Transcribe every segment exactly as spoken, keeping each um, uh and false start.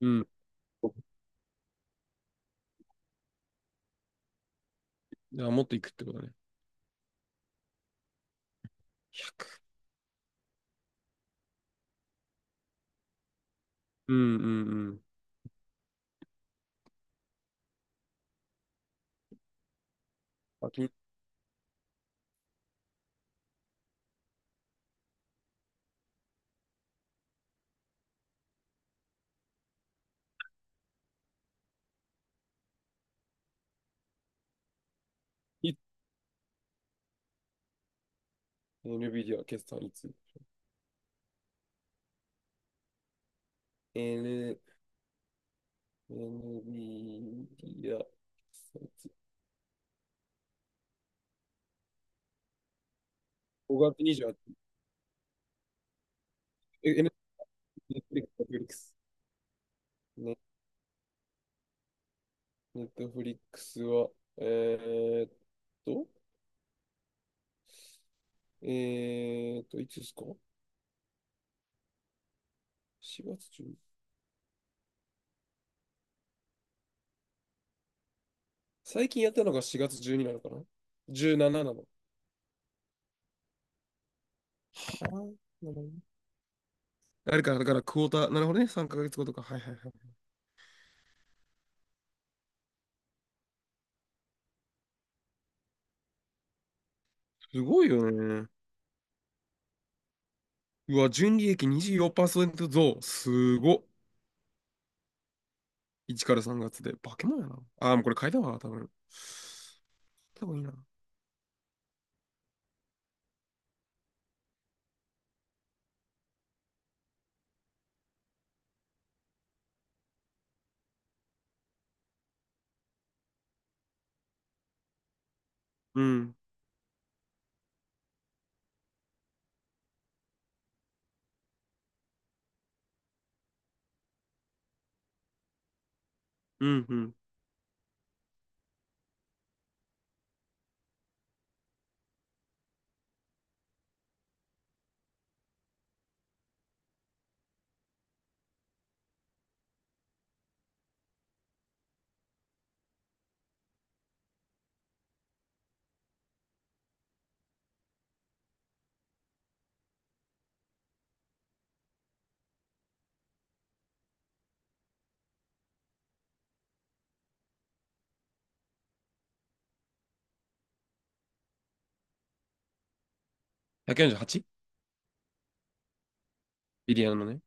うん。じゃあ、もっといくってことね。うんうんうん。あ、き、い NVIDIA 決算いつ ?N、NVIDIA 決算いつ？ ご 月にじゅうはちにち。え、N、Netflix。ね、Netflix は、えーっと、えーっと、いつですか？ し 月じゅう。最近やったのがしがつじゅうになのかな？ じゅうしち なななの。はあ、なるほどね。あれか、だからクォーター、なるほどね、さんかげつごとか。はいはいはい。すごいよね。うわ、純利益にじゅうよんパーセント増。すごっ。いちからさんがつで。化け物やな。あー、もうこれ買いたわ、多分。多分いいな。うん。うん、うん。ひゃくよんじゅうはち？ ビリヤードのね。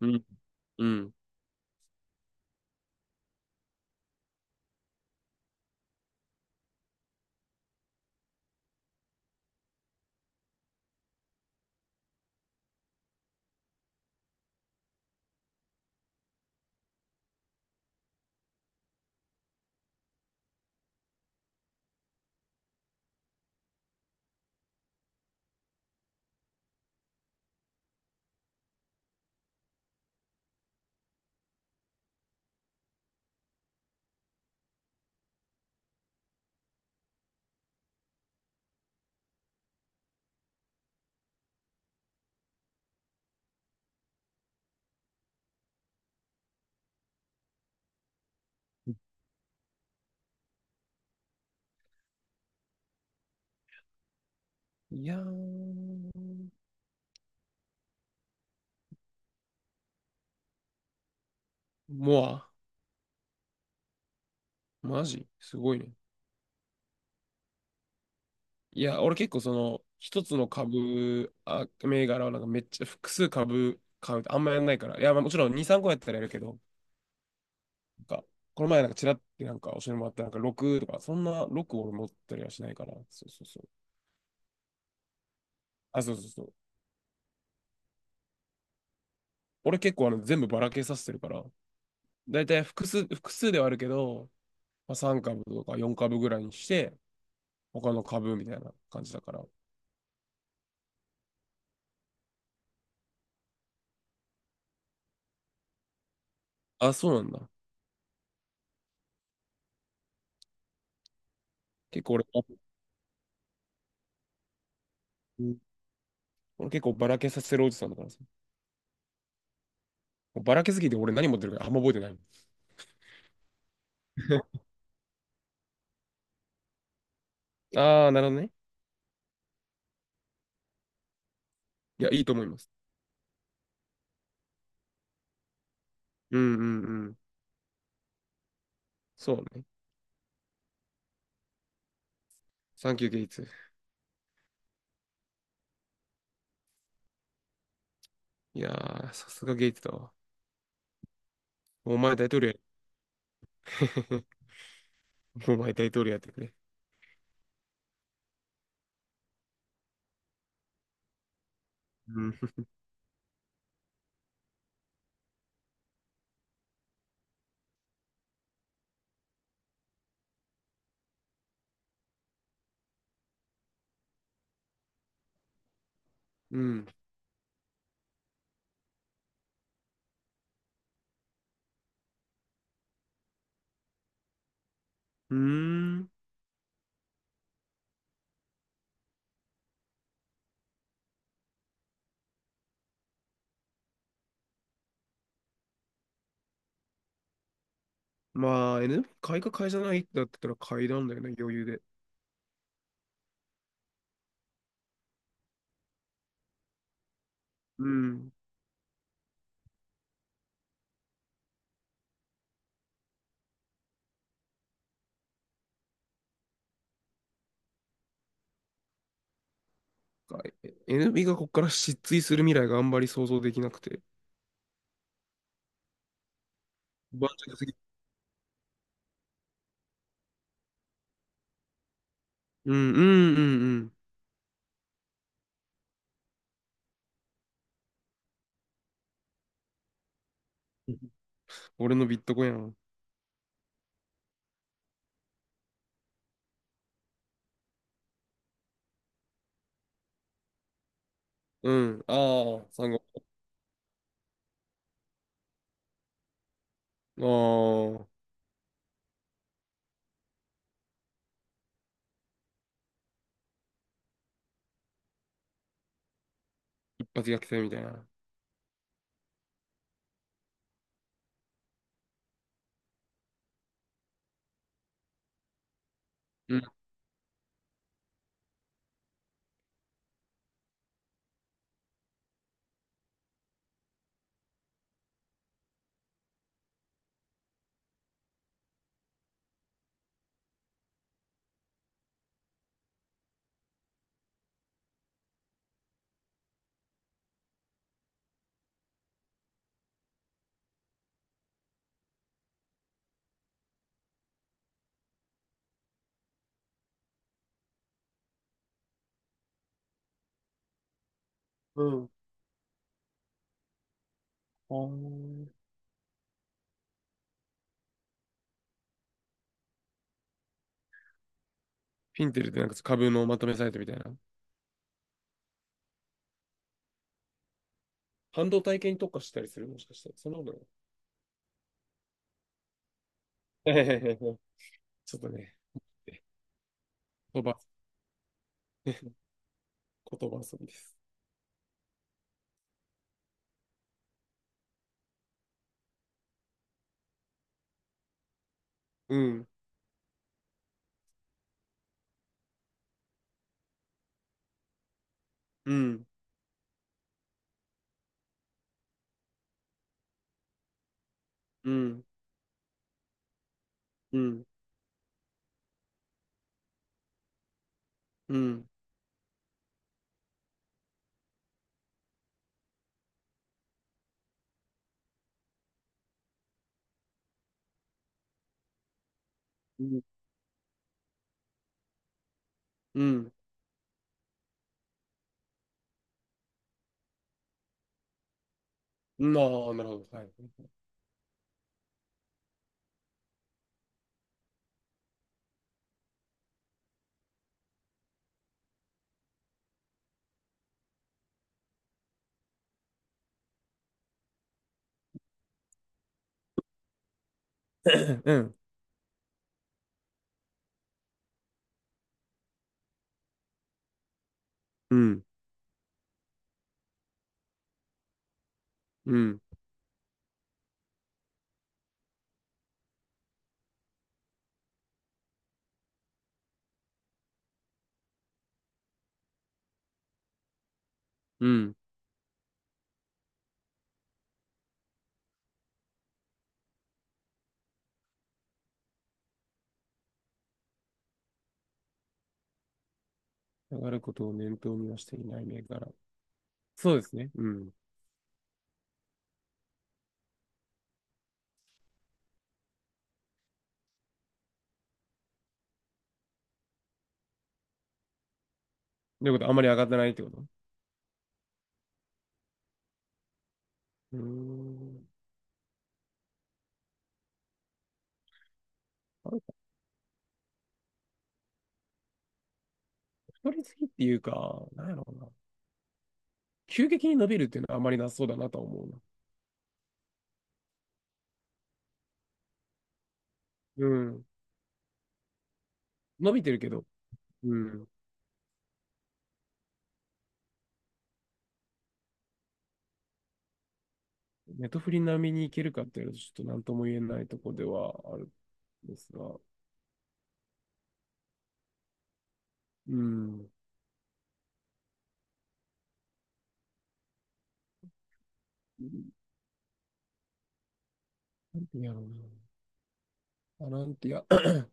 うん。うん。いやー。モア。マジすごいね。いや、俺結構その、一つの株、あ、銘柄はなんかめっちゃ複数株買うってあんまやんないから。いや、まあもちろんに、さんこやったらやるけど、なんか、この前なんかちらってなんか教えてもらったなんかろくとか、そんなろくを俺持ったりはしないから。そうそうそう。あ、そうそうそう。俺結構あの全部ばらけさせてるから、だいたい複数、複数ではあるけど、まあ、さん株とかよん株ぐらいにして、他の株みたいな感じだから。あ、そうなんだ。結構俺、あうん。俺結構ばらけさせるおじさんだからさ。もうばらけすぎて俺何持ってるかあんま覚えてない。ああ、なるほどね。いや、いいと思います。うんうんうん。そうね。サンキューゲイツ。いやー、さすがゲイツだわ。お前大統領や。お前大統領やってくれ。うん。うん。うーん。まあ、エヌビー 買いか買いじゃないってなってたら買いなんだよね、余裕で。うん。買い エヌビー がここから失墜する未来があんまり想像できなくて。盤石すぎ。うん、うん、うん、うん。俺のビットコインやん。うん。ああ、産後。ああ、一発逆転みたいな。うん。うん。ああ。フィンテルってなんか株のまとめサイトみたいな。半導体系に特化したりするもしかして。そんなことない。ちょっとね、言葉、言葉遊びです。うん。うん。うん。うん。うん、うん、うん、うん。ああ、なるほど。はい。うん、うん、うん、うん、上がることを念頭にはしていない銘柄。そうですね。うん。ということは、あんまり上がってないってこと？うーん。なんか太りすぎっていうか、なんやろうな。急激に伸びるっていうのはあまりなさそうだなとは思うな。うん。伸びてるけど、うん。ネトフリ並みにいけるかっていうと、ちょっと何とも言えないとこではあるんですが。うん。なんてやろうな。アランティア、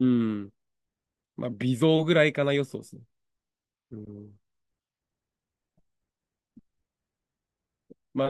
うん。まあ、微増ぐらいかな予想ですね。うん。まあ、